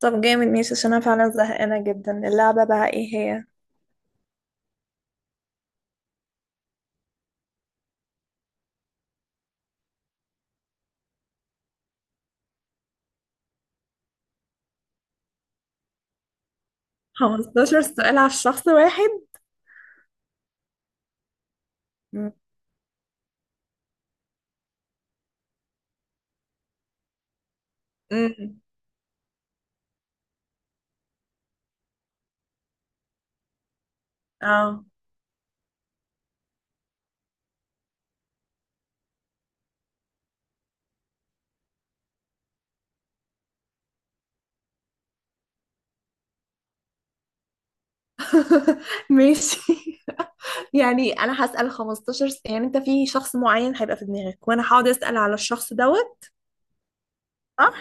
طب جامد، ماشي. عشان انا فعلا زهقانة جدا. اللعبة بقى ايه هي؟ 15 سؤال على الشخص واحد؟ مم. امم اه. ماشي يعني انا هسأل 15 يعني انت في شخص معين هيبقى في دماغك وانا هقعد اسأل على الشخص دوت. صح.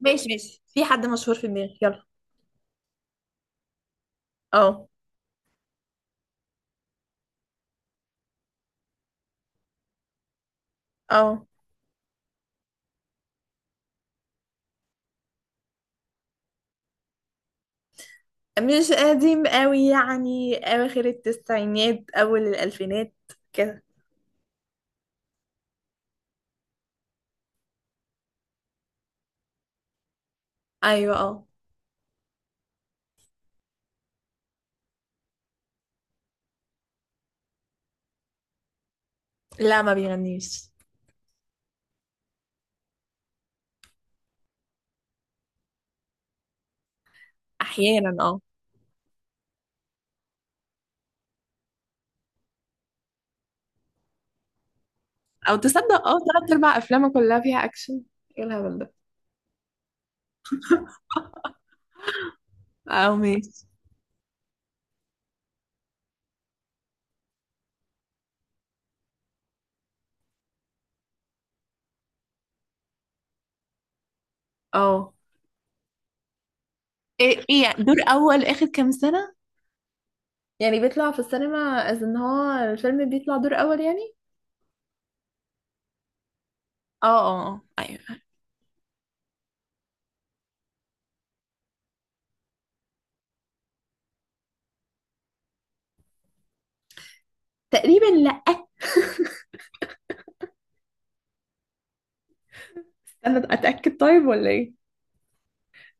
ماشي ماشي. في حد مشهور في دماغك؟ يلا. اه اه. مش قديم قوي، يعني اواخر التسعينات اول الالفينات كده. ايوه اه. لا، ما بيغنيش. احيانا اه. او تصدق اه، تلات ارباع افلامه كلها فيها اكشن. ايه الهبل ده؟ او ماشي. اه، ايه ايه يعني دور اول اخر كام سنة؟ يعني بيطلع في السينما، از ان هو الفيلم بيطلع دور اول يعني. اه اه، ايوه. تقريبا لا. انا اتاكد طيب ولا ايه؟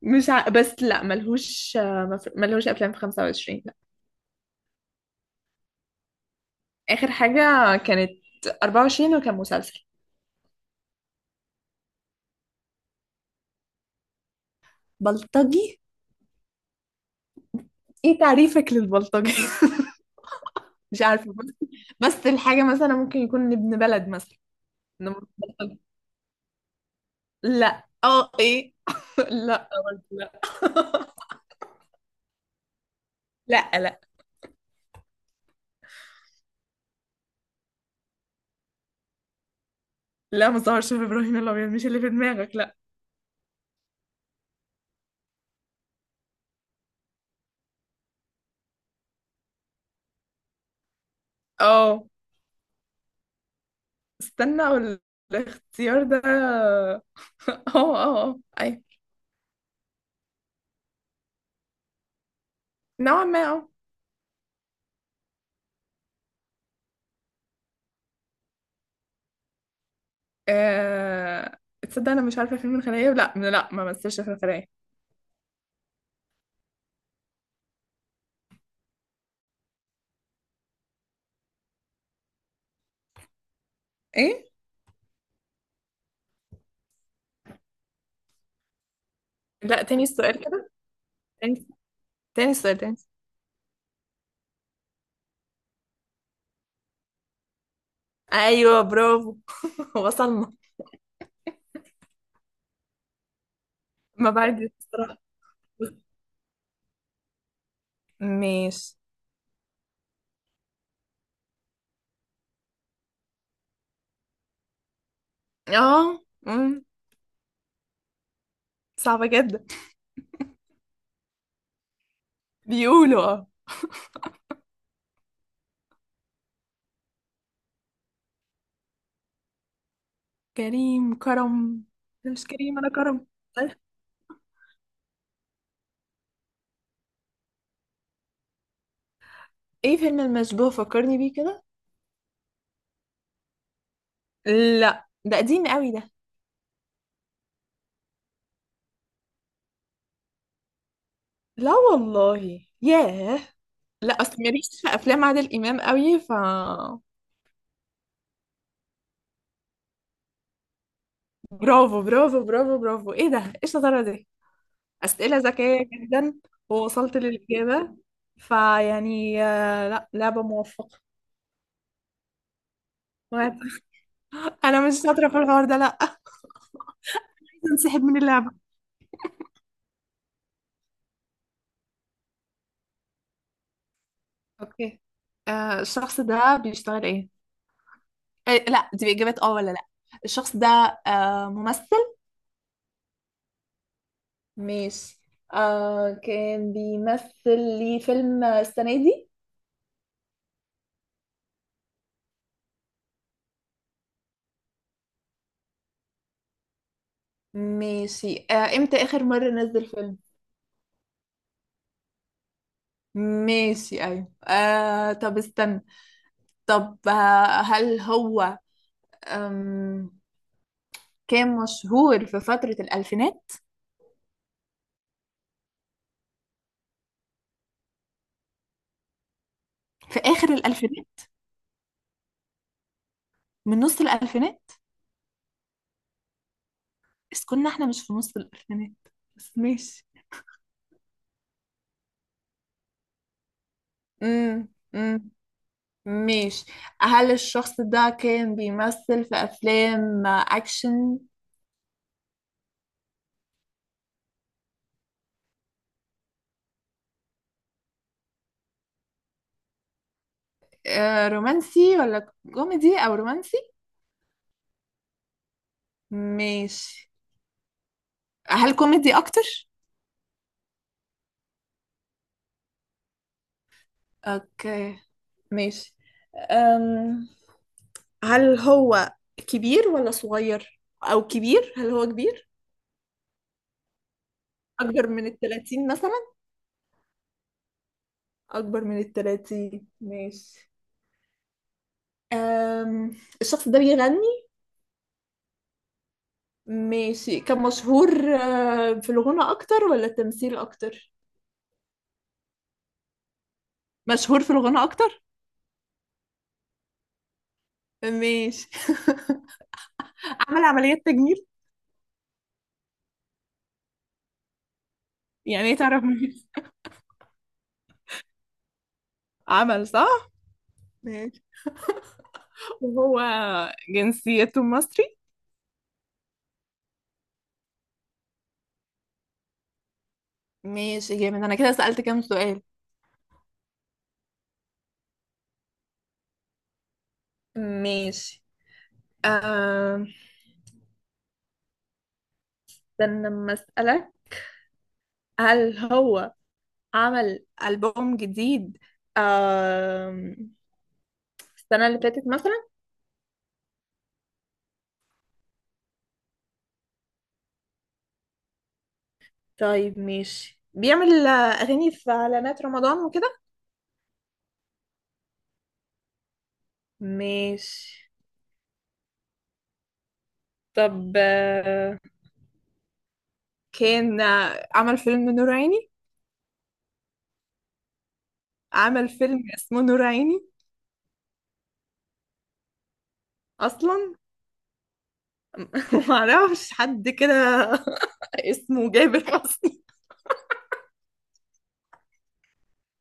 مش ع... بس لا، ملهوش افلام في 25، لا. اخر حاجه كانت 24 وكان مسلسل. بلطجي؟ ايه تعريفك للبلطجي؟ مش عارفه، بس. بس الحاجه مثلا ممكن يكون ابن بلد مثلا. نمر- لا، اه، ايه لا برضه لا لا لا لا، ما ظهرش في ابراهيم الابيض، مش اللي في دماغك، لا. اه، استنى اقول. الاختيار ده اه. اه اه اي. نوعا ما اه. تصدق انا مش عارفه فيلم الخلية، لا لا، ما مثلش في الخلية. ايه؟ لا، تاني السؤال كده. تاني. تاني السؤال. تاني السؤال. ايوه برافو. وصلنا. ما بعرف الصراحه. ماشي. اه، صعبة جدا. بيقولوا اه. كريم، كرم. ده مش كريم، انا كرم. أه؟ ايه؟ فيلم المشبوه فكرني بيه كده. لا، ده قديم قوي ده. لا والله، ياه. لا، اصل ماليش في افلام عادل امام قوي. برافو برافو برافو برافو. ايه ده؟ ايه الشطاره دي؟ اسئله ذكيه جدا. ووصلت للاجابه. فيعني لا، لعبه موفقه. وعد. انا مش شاطره في الحوار ده، لا. عايزه انسحب من اللعبه. اوكي. الشخص ده بيشتغل ايه؟ لا، دي إجابات اه ولا لا؟ الشخص ده ممثل؟ ماشي. كان بيمثل لي فيلم السنة دي؟ ماشي. امتى آخر مرة نزل فيلم؟ ماشي أيوة. طب استنى. طب هل هو آم كان مشهور في فترة الألفينات؟ في آخر الألفينات؟ من نص الألفينات؟ بس كنا احنا مش في نص الألفينات، بس ماشي. امم ماشي. هل الشخص ده كان بيمثل في أفلام أكشن؟ رومانسي ولا كوميدي أو رومانسي؟ ماشي. هل كوميدي أكتر؟ أوكي. ماشي. أم... هل هو كبير ولا صغير؟ أو كبير؟ هل هو كبير؟ أكبر من التلاتين مثلا؟ أكبر من التلاتين. ماشي. أم... الشخص ده بيغني؟ ماشي، كان مشهور. في الغنى أكتر ولا التمثيل أكتر؟ مشهور في الغنى اكتر. ماشي. عمل عمليات تجميل؟ يعني ايه تعرف مين؟ عمل، صح. ماشي. وهو جنسيته مصري؟ ماشي جامد. انا كده سألت كام سؤال؟ ماشي. آه، استنى لما اسألك. هل هو عمل ألبوم جديد آم، السنة اللي فاتت مثلا؟ طيب ماشي. بيعمل أغاني في إعلانات رمضان وكده؟ ماشي. طب كان عمل فيلم نور عيني؟ عمل فيلم اسمه نور عيني. اصلا معرفش حد كده اسمه جابر حسني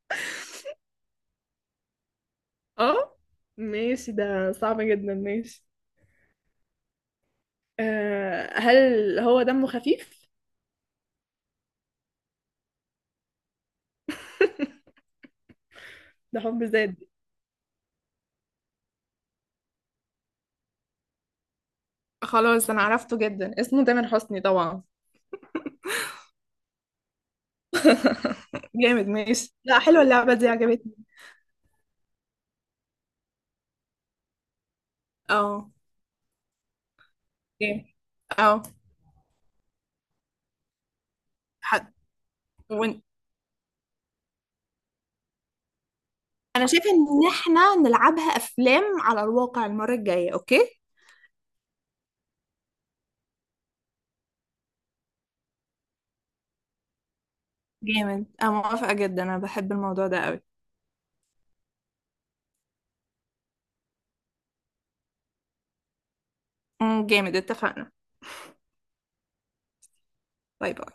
اه. ماشي، ده صعب جدا. ماشي. هل هو دمه خفيف؟ ده حب زاد. خلاص انا عرفته جدا، اسمه تامر حسني طبعا. جامد ماشي. لا، حلوه اللعبه دي، عجبتني. اه. جامد. اه. حد. وين؟ انا شايفه ان احنا نلعبها افلام على الواقع المره الجايه، اوكي؟ جامد، انا موافقة جدا، انا بحب الموضوع ده قوي. جامد، اتفقنا. باي باي.